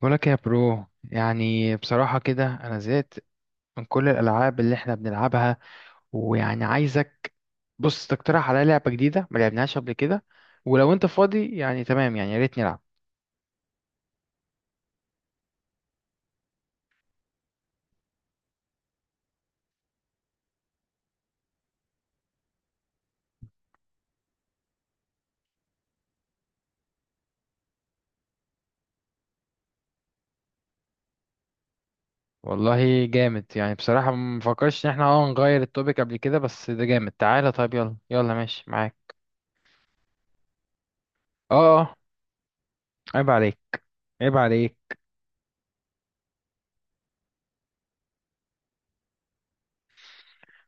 بقولك يا برو، يعني بصراحة كده أنا زهقت من كل الألعاب اللي إحنا بنلعبها. ويعني عايزك، بص، تقترح عليا لعبة جديدة ما لعبناهاش قبل كده. ولو أنت فاضي يعني تمام، يعني يا ريت نلعب. والله جامد. يعني بصراحة ما مفكرش إن إحنا نغير التوبيك قبل كده، بس ده جامد. تعالى طيب، يلا يلا، ماشي معاك. أه، أه. عيب عليك، عيب عليك.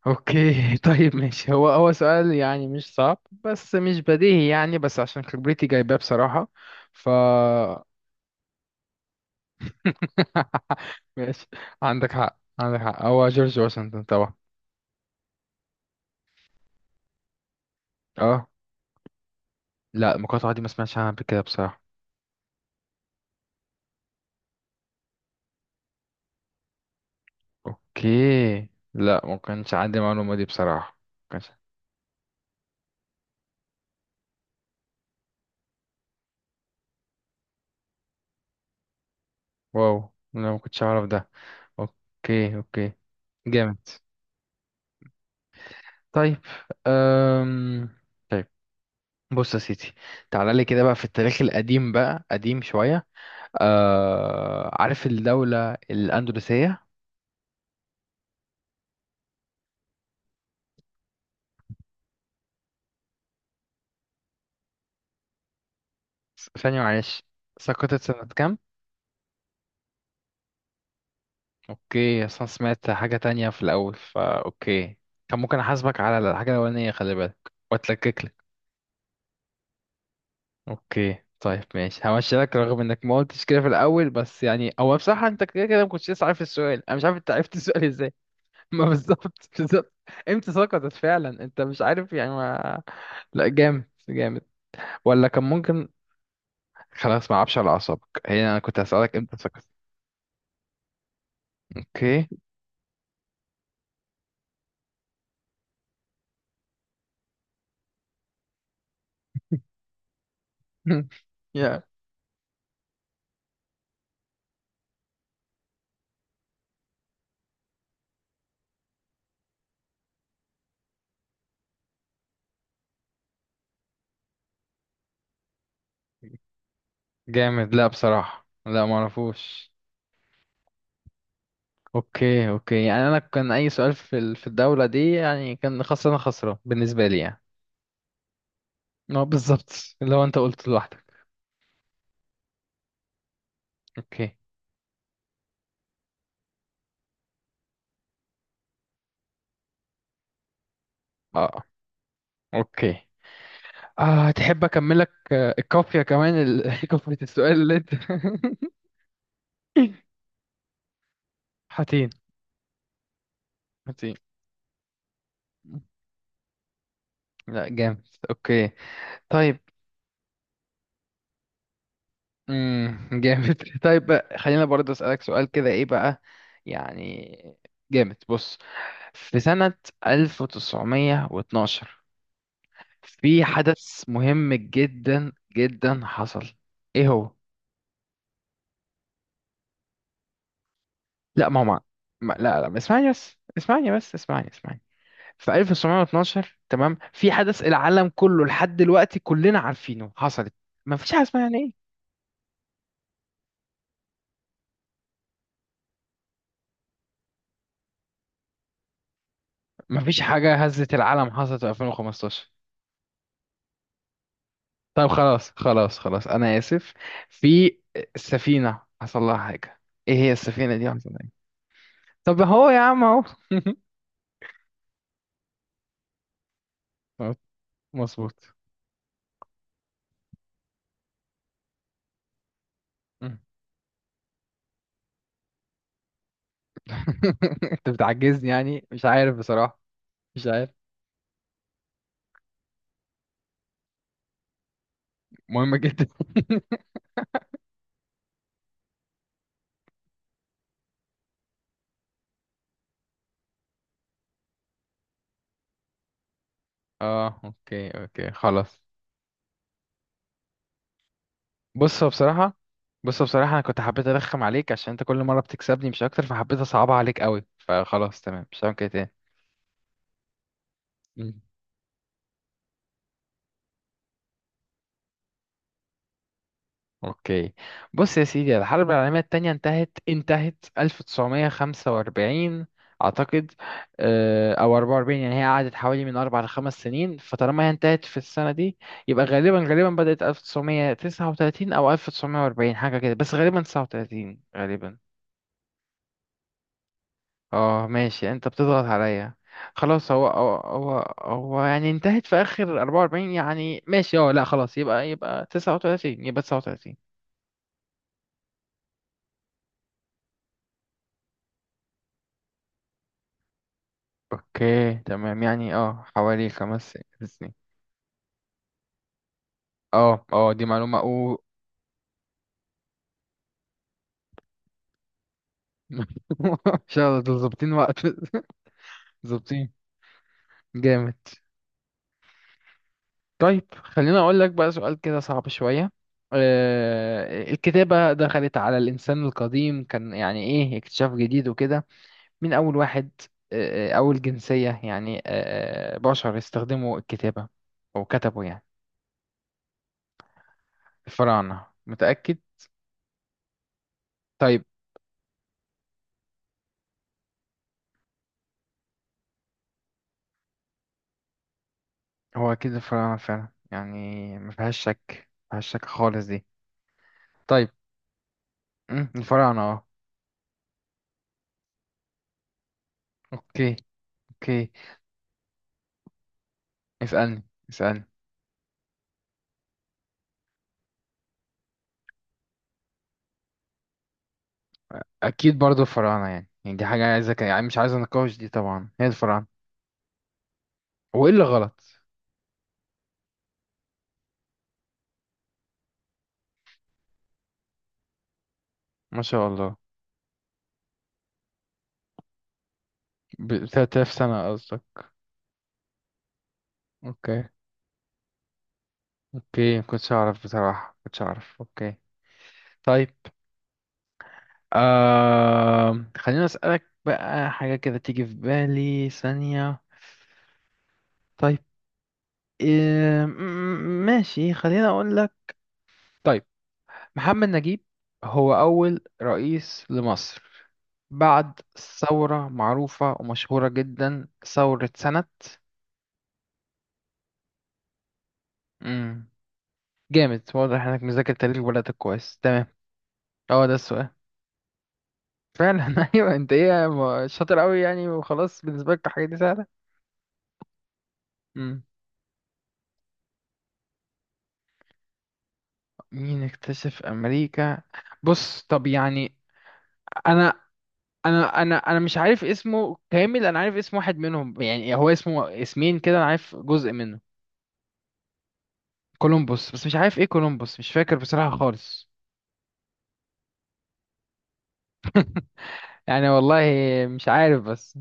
أوكي. طيب ماشي. هو سؤال يعني مش صعب بس مش بديهي، يعني بس عشان خبرتي جايباه بصراحة. فا... ماشي. عندك حق، عندك حق. هو جورج واشنطن طبعا. اه. لا، المقاطعة دي ما سمعتش عنها قبل كده بصراحة. اوكي. لا، ما كانش عندي المعلومة دي بصراحة، ما كانش. واو، لا ما كنتش اعرف ده. اوكي، اوكي. جامد. طيب. أم... طيب. بص يا سيدي، تعالى لي كده بقى في التاريخ القديم بقى، قديم شوية. عارف الدولة الأندلسية؟ ثانية معلش. سقطت سنة كام؟ اوكي، اصلا سمعت حاجة تانية في الاول، فا اوكي. كان ممكن احاسبك على الحاجة الاولانية، خلي بالك واتلكك لك. اوكي طيب ماشي، همشي لك رغم انك ما قلتش كده في الاول. بس يعني هو بصراحة انت كده كده ما كنتش لسه عارف السؤال، انا مش عارف انت عرفت السؤال ازاي. ما بالظبط، بالظبط. امتى سقطت فعلا، انت مش عارف يعني. ما... لا جامد، جامد. ولا كان ممكن. خلاص ما اعرفش، على اعصابك. هي انا كنت هسألك امتى سقطت. اوكي. يا... جامد. لا بصراحة لا، ما اعرفوش. اوكي، اوكي. يعني انا كان اي سؤال في الدولة دي يعني كان خسران، خسران بالنسبة لي يعني. اه بالظبط. اللي هو انت قلت لوحدك. اوكي. اه، اوكي. تحب اكملك؟ الكافية كمان، كافية السؤال اللي انت... حاتين. حاتين. لا جامد. اوكي. طيب. جامد. طيب بقى، خلينا برضه اسألك سؤال كده، ايه بقى؟ يعني جامد. بص، في سنة 1912 في حدث مهم جدا جدا حصل. ايه هو؟ لا ما هو ما... لا لا ما، اسمعني بس، اسمعني بس، اسمعني، اسمعني. في 1912 تمام، في حدث العالم كله لحد دلوقتي كلنا عارفينه حصلت. ما فيش حاجه اسمها يعني ايه؟ ما فيش حاجه هزت العالم حصلت في 2015. طيب خلاص خلاص خلاص، انا اسف. في... سفينه حصل لها حاجه. ايه هي السفينه دي حصل لها إيه؟ طب هو يا عم اهو. مظبوط. انت بتعجزني، يعني مش عارف بصراحة. مش عارف. مهمة جدا. اه، اوكي اوكي، خلاص. بص هو بصراحة... انا كنت حبيت ارخم عليك عشان انت كل مرة بتكسبني مش اكتر، فحبيت اصعبها عليك قوي. فخلاص تمام، مش هعمل كده تاني. اوكي. بص يا سيدي، الحرب العالمية التانية انتهت 1945 اعتقد. او 44. يعني هي قعدت حوالي من اربع لخمس سنين، فطالما هي انتهت في السنة دي يبقى غالبا غالبا بدأت 1939 او 1940، حاجة كده. بس غالبا 39، غالبا. اه ماشي، انت بتضغط عليا. خلاص. هو يعني انتهت في اخر 44، يعني ماشي. اه لا خلاص، يبقى 39، يبقى 39. اوكي تمام. يعني اه حوالي خمس سنين. اه اه، دي معلومة او... ان شاء الله دول ظابطين وقت. ظابطين. جامد. طيب خليني اقول لك بقى سؤال كده صعب شوية. الكتابة دخلت على الانسان القديم، كان يعني ايه اكتشاف جديد وكده. مين اول واحد، اول جنسية يعني، بشر استخدموا الكتابة، او كتبوا يعني؟ الفراعنة؟ متأكد؟ طيب. هو أكيد الفراعنة فعلا، يعني ما فيهاش شك. ما فيهاش شك خالص دي. طيب. الفراعنة اه. اوكي، اوكي. اسألني، اسألني. أكيد برضو الفراعنة، يعني دي حاجة عايزة يعني مش عايز أناقش دي، طبعا هي الفراعنة. وإيه اللي غلط؟ ما شاء الله. ب 3000 سنة قصدك. اوكي، اوكي ما كنتش أعرف بصراحة، ما كنتش أعرف. اوكي. طيب. خليني أسألك بقى حاجة كده تيجي في بالي ثانية. طيب. إيه... ماشي، خليني أقول. طيب. محمد نجيب هو أول رئيس لمصر بعد ثورة معروفة ومشهورة جدا، ثورة سنة... مم. جامد، واضح انك مذاكر تاريخ بلدك كويس. تمام. اه ده السؤال. فعلا. ايوه. انت ايه، شاطر قوي يعني، وخلاص بالنسبة لك الحاجات دي سهلة. مم. مين اكتشف امريكا؟ بص طب يعني، انا انا مش عارف اسمه كامل. انا عارف اسم واحد منهم يعني، هو اسمه اسمين كده، انا عارف جزء منه. كولومبوس، بس مش عارف ايه كولومبوس، مش فاكر بصراحة خالص. يعني والله مش عارف بس.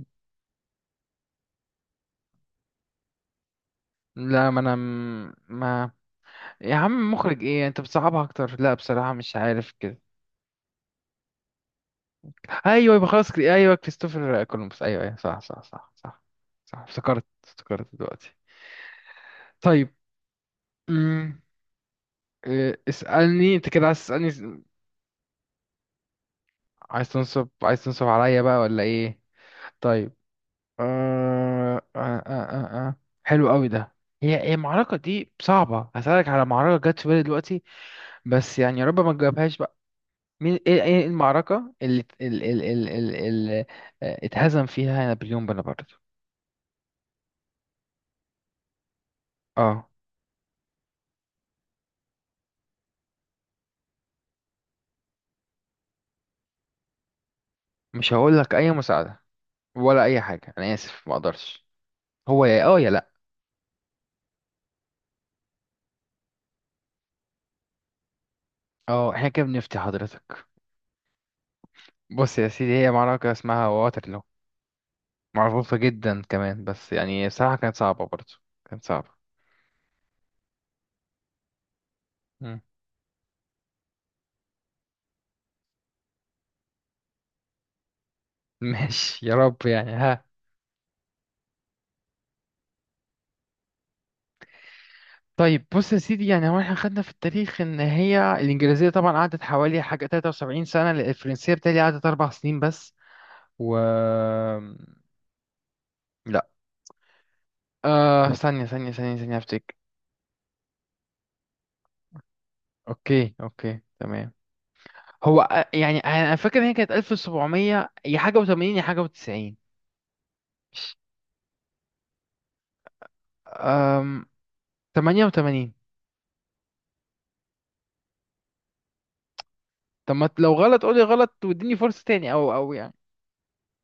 لا ما انا ما... يا عم مخرج ايه؟ انت بتصعبها اكتر. لا بصراحة مش عارف كده. ايوه، يبقى خلاص كده. ايوه كريستوفر كولومبوس، ايوه، ايوه، صح، صح، صح، صح. صح، افتكرت دلوقتي. طيب. امم إيه، اسألني انت كده، عايز تسألني؟ عايز تنصب عليا بقى ولا ايه؟ طيب. آه آه آه آه. آه. حلو قوي ده. هي المعركة دي صعبة. هسألك على معركة جت في بالي دلوقتي، بس يعني يا رب ما تجاوبهاش بقى. مين، ايه المعركة اللي ات- ال ال ال ال ال اتهزم فيها نابليون بونابرت؟ اه. مش هقول لك اي مساعدة، ولا اي حاجة. انا اسف ما اقدرش. هو يا، يا، لا. اه، احنا كده بنفتي حضرتك. بص يا سيدي، هي معركة اسمها واترلو، معروفة جدا كمان، بس يعني بصراحة كانت صعبة برضه. كانت صعبة. ماشي، يا رب يعني، ها. طيب بص يا سيدي، يعني هو احنا خدنا في التاريخ ان هي الانجليزيه طبعا قعدت حوالي حاجه 73 سنه، الفرنسيه بتاعي قعدت اربع سنين بس. و... لا، ثانيه، ثانيه، ثانيه، ثانيه، افتكر. اوكي اوكي، تمام. هو، يعني انا فاكر ان هي كانت 1700 يا حاجه و80، يا حاجه و90. 88. طب ما لو غلط قولي غلط واديني فرصه تاني، او يعني.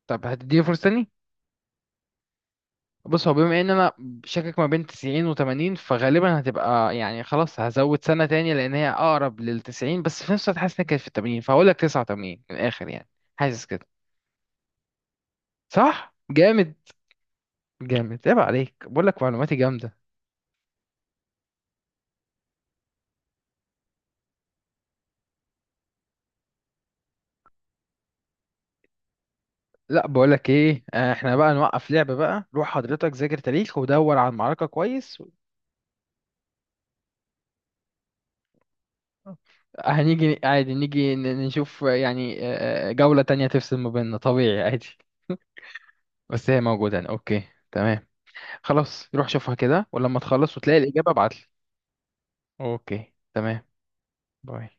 طب هتديني فرصه؟ بص هو، بما ان انا شاكك ما بين 90 و80 فغالبا هتبقى يعني خلاص، هزود سنة تاني، لان هي اقرب لل 90، بس في نفس الوقت حاسس انها كانت في ال 80، فهقول لك 89 من الاخر يعني. حاسس كده. صح. جامد، جامد، عيب عليك، بقول لك معلوماتي جامدة. لا بقول لك ايه، احنا بقى نوقف لعبة بقى. روح حضرتك ذاكر تاريخ، ودور على المعركة كويس هنيجي عادي، نيجي نشوف يعني، جولة تانية تفصل ما بيننا، طبيعي عادي. بس هي موجودة يعني. اوكي. تمام. خلاص روح شوفها كده، ولما تخلص وتلاقي الإجابة ابعتلي. اوكي تمام. باي.